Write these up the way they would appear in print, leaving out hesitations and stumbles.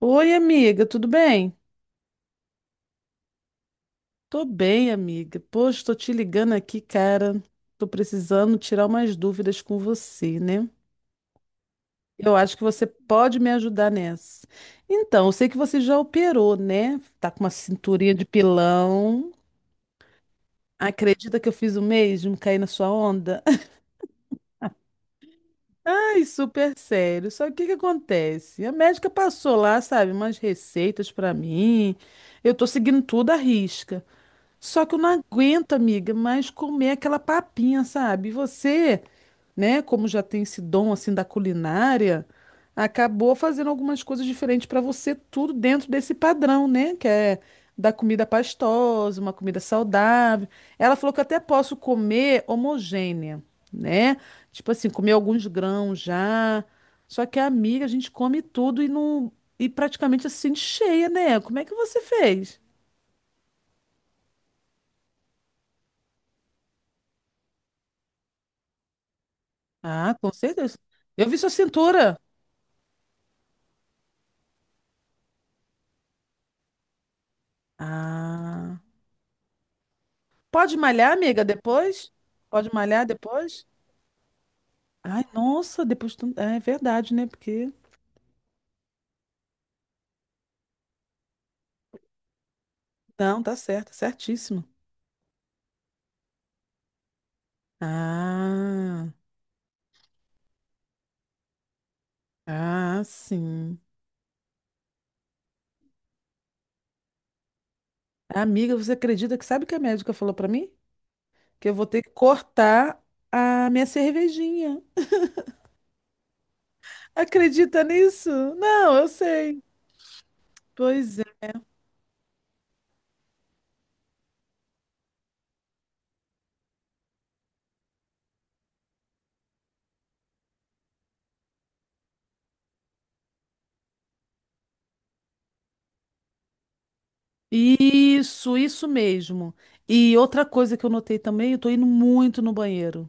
Oi, amiga, tudo bem? Tô bem, amiga. Poxa, tô te ligando aqui, cara. Tô precisando tirar umas dúvidas com você, né? Eu acho que você pode me ajudar nessa. Então, eu sei que você já operou, né? Tá com uma cinturinha de pilão. Acredita que eu fiz o mesmo? Caí na sua onda? Ai, super sério. Só que o que que acontece? A médica passou lá, sabe, umas receitas pra mim. Eu tô seguindo tudo à risca. Só que eu não aguento, amiga, mais comer aquela papinha, sabe? E você, né, como já tem esse dom assim da culinária, acabou fazendo algumas coisas diferentes para você, tudo dentro desse padrão, né? Que é da comida pastosa, uma comida saudável. Ela falou que eu até posso comer homogênea, né? Tipo assim, comer alguns grãos já. Só que a amiga, a gente come tudo e não e praticamente assim cheia, né? Como é que você fez? Ah, com certeza. Eu vi sua cintura. Ah. Pode malhar, amiga, depois? Pode malhar depois? Ai, nossa, depois. É verdade, né? Porque. Não, tá certo, certíssimo. Ah, ah, sim. Amiga, você acredita que sabe o que a médica falou pra mim? Que eu vou ter que cortar a minha cervejinha. Acredita nisso? Não, eu sei. Pois isso mesmo. E outra coisa que eu notei também, eu tô indo muito no banheiro.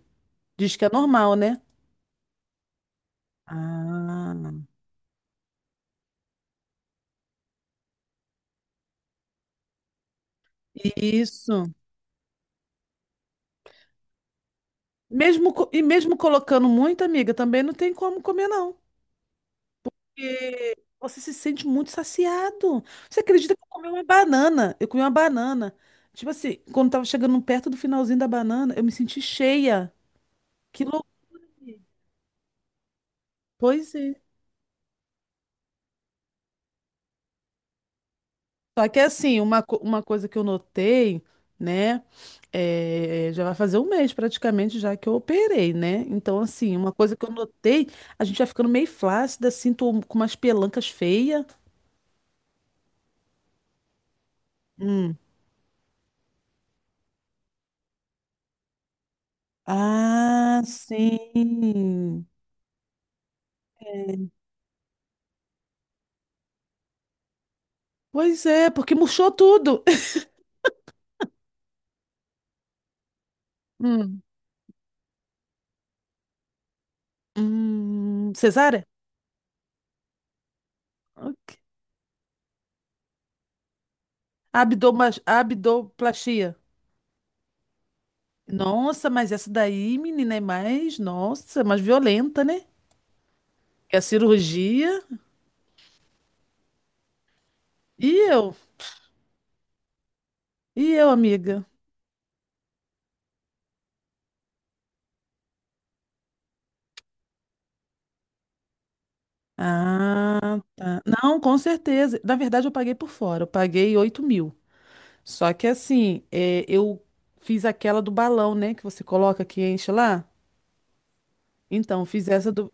Diz que é normal, né? Ah, isso. Mesmo, e mesmo colocando muito, amiga, também não tem como comer, não. Porque você se sente muito saciado. Você acredita que eu comi uma banana? Eu comi uma banana. Tipo assim, quando tava chegando perto do finalzinho da banana, eu me senti cheia. Que louco. Pois é. Só que assim, uma, uma coisa que eu notei, né? Já vai fazer um mês praticamente já que eu operei, né? Então, assim, uma coisa que eu notei, a gente vai ficando meio flácida, assim, tô com umas pelancas feias. Hum. Ah, sim. Pois é, porque murchou tudo. Hum. Cesárea? Abdoplastia. Nossa, mas essa daí, menina, é mais, nossa, mais violenta, né? É a cirurgia. E eu? E eu, amiga? Ah, tá. Não, com certeza. Na verdade, eu paguei por fora. Eu paguei 8.000. Só que assim, eu fiz aquela do balão, né? Que você coloca que enche lá. Então, eu fiz essa do.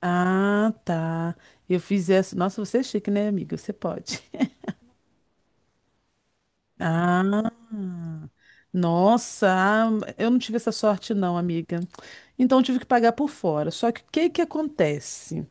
Ah, tá. Eu fiz essa. Nossa, você é chique, né, amiga? Você pode. Ah, nossa. Ah, eu não tive essa sorte, não, amiga. Então, eu tive que pagar por fora. Só que o que que acontece?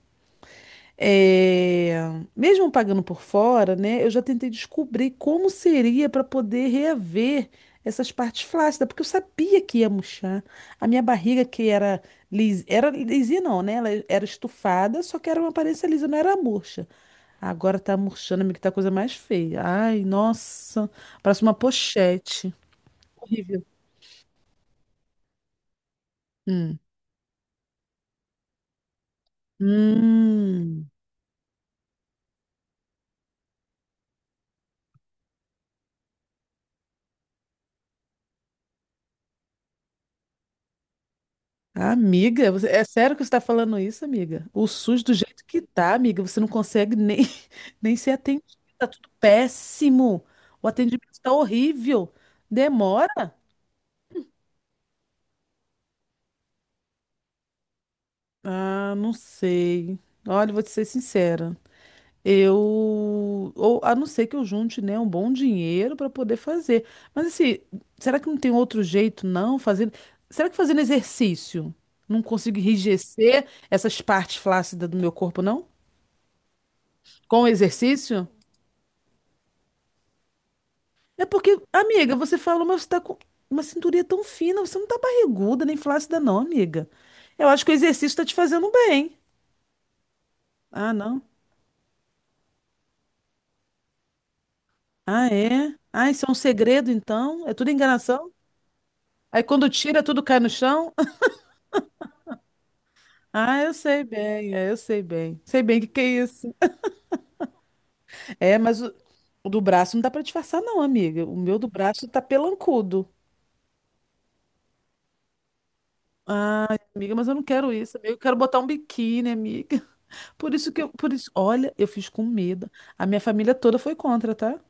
É, mesmo pagando por fora, né, eu já tentei descobrir como seria para poder reaver essas partes flácidas, porque eu sabia que ia murchar. A minha barriga, que era era lisinha, não, né? Ela era estufada, só que era uma aparência lisa, não era murcha. Agora tá murchando, amiga, que tá a coisa mais feia. Ai, nossa, parece uma pochete. Horrível. Hum. Hum. Amiga, é sério que você está falando isso, amiga? O SUS do jeito que tá, amiga, você não consegue nem, nem ser atendida. Tá tudo péssimo. O atendimento está horrível. Demora? Ah, não sei. Olha, vou te ser sincera. Eu, ou, a não ser que eu junte, né, um bom dinheiro para poder fazer. Mas assim, será que não tem outro jeito, não? Fazendo, será que fazendo exercício não consigo enrijecer essas partes flácidas do meu corpo, não? Com o exercício? É porque, amiga, você falou, mas você tá com uma cinturinha tão fina, você não tá barriguda nem flácida, não, amiga. Eu acho que o exercício tá te fazendo bem. Ah, não. Ah, é? Ah, isso é um segredo, então? É tudo enganação? Aí quando tira, tudo cai no chão? Ah, eu sei bem, eu sei bem. Sei bem o que que é isso. É, mas o, o do braço não dá pra disfarçar, não, amiga. O meu do braço tá pelancudo. Amiga, mas eu não quero isso, amiga. Eu quero botar um biquíni, amiga. Por isso, olha, eu fiz com medo. A minha família toda foi contra, tá?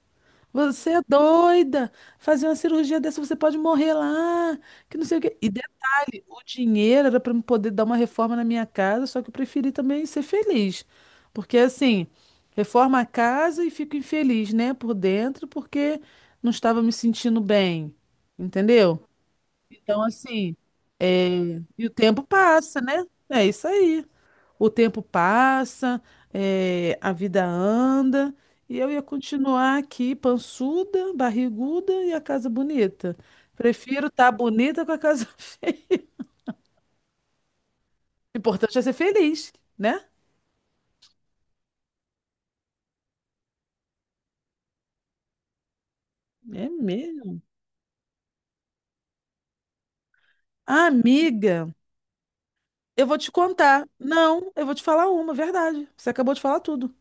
Você é doida! Fazer uma cirurgia dessa, você pode morrer lá, que não sei o quê. E detalhe, o dinheiro era para eu poder dar uma reforma na minha casa, só que eu preferi também ser feliz. Porque assim, reforma a casa e fico infeliz, né, por dentro, porque não estava me sentindo bem. Entendeu? Então, assim, e o tempo passa, né? É isso aí. O tempo passa, a vida anda, e eu ia continuar aqui, pançuda, barriguda e a casa bonita. Prefiro estar bonita com a casa. O importante é ser feliz, né? É mesmo. Amiga, eu vou te contar. Não, eu vou te falar uma, verdade. Você acabou de falar tudo.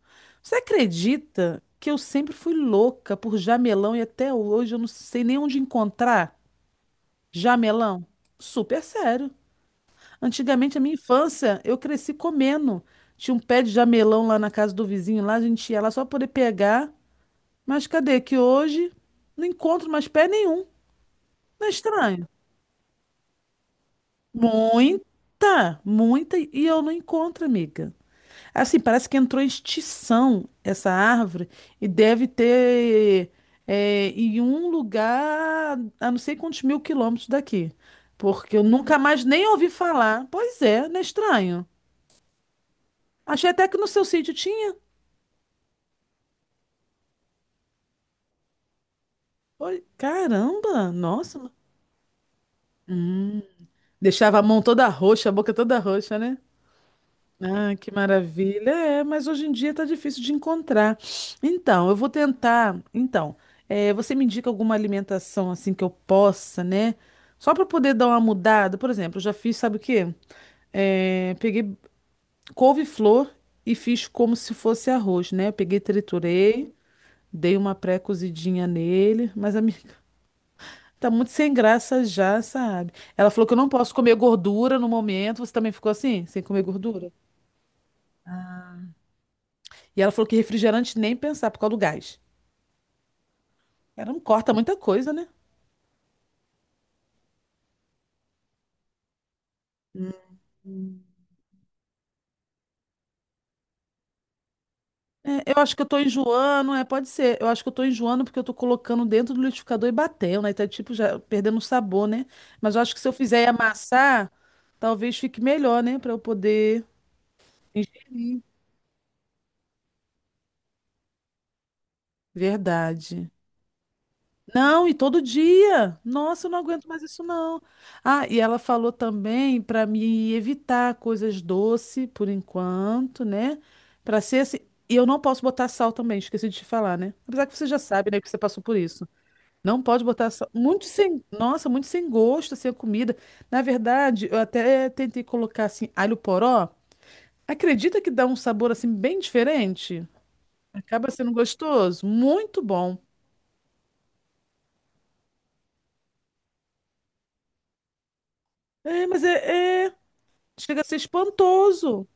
Você acredita que eu sempre fui louca por jamelão e até hoje eu não sei nem onde encontrar jamelão? Super sério. Antigamente, a minha infância, eu cresci comendo. Tinha um pé de jamelão lá na casa do vizinho, lá a gente ia lá só poder pegar. Mas cadê? Que hoje não encontro mais pé nenhum. Não é estranho? Muita, muita, e eu não encontro, amiga. Assim, parece que entrou em extinção essa árvore e deve ter em um lugar a não sei quantos mil quilômetros daqui. Porque eu nunca mais nem ouvi falar. Pois é, não é estranho? Achei até que no seu sítio tinha. Oi, caramba, nossa. Hum. Deixava a mão toda roxa, a boca toda roxa, né? Ah, que maravilha. É, mas hoje em dia tá difícil de encontrar. Então, eu vou tentar. Então, você me indica alguma alimentação assim que eu possa, né? Só para poder dar uma mudada. Por exemplo, eu já fiz, sabe o quê? Peguei couve-flor e fiz como se fosse arroz, né? Eu peguei, triturei, dei uma pré-cozidinha nele, mas a minha tá muito sem graça já, sabe? Ela falou que eu não posso comer gordura no momento. Você também ficou assim, sem comer gordura? E ela falou que refrigerante nem pensar por causa do gás. Ela não corta muita coisa, né? Eu acho que eu tô enjoando, pode ser. Eu acho que eu tô enjoando porque eu tô colocando dentro do liquidificador e batendo, né? Tá tipo já perdendo o sabor, né? Mas eu acho que se eu fizer e amassar, talvez fique melhor, né? Pra eu poder ingerir. Verdade. Não, e todo dia. Nossa, eu não aguento mais isso, não. Ah, e ela falou também para me evitar coisas doces por enquanto, né? Para ser assim. E eu não posso botar sal também, esqueci de te falar, né? Apesar que você já sabe, né, que você passou por isso. Não pode botar sal. Muito sem. Nossa, muito sem gosto, assim, a comida. Na verdade, eu até tentei colocar, assim, alho poró. Acredita que dá um sabor, assim, bem diferente? Acaba sendo gostoso? Muito bom. É, mas é, é Chega a ser espantoso.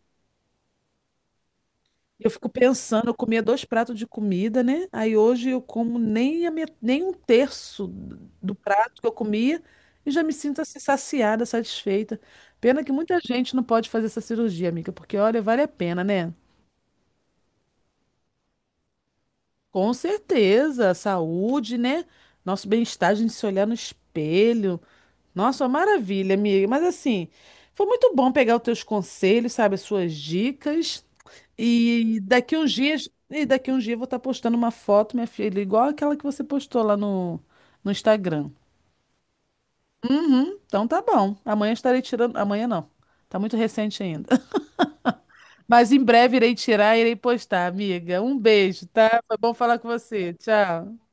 Eu fico pensando, eu comia 2 pratos de comida, né? Aí hoje eu como nem, nem um terço do prato que eu comia e já me sinto assim saciada, satisfeita. Pena que muita gente não pode fazer essa cirurgia, amiga, porque olha, vale a pena, né? Com certeza, saúde, né? Nosso bem-estar, a gente se olhar no espelho. Nossa, uma maravilha, amiga. Mas assim, foi muito bom pegar os teus conselhos, sabe, as suas dicas. E daqui uns dias eu vou estar postando uma foto, minha filha, igual aquela que você postou lá no Instagram. Uhum, então tá bom. Amanhã estarei tirando. Amanhã não. Tá muito recente ainda. Mas em breve irei tirar e irei postar, amiga. Um beijo, tá? Foi bom falar com você. Tchau.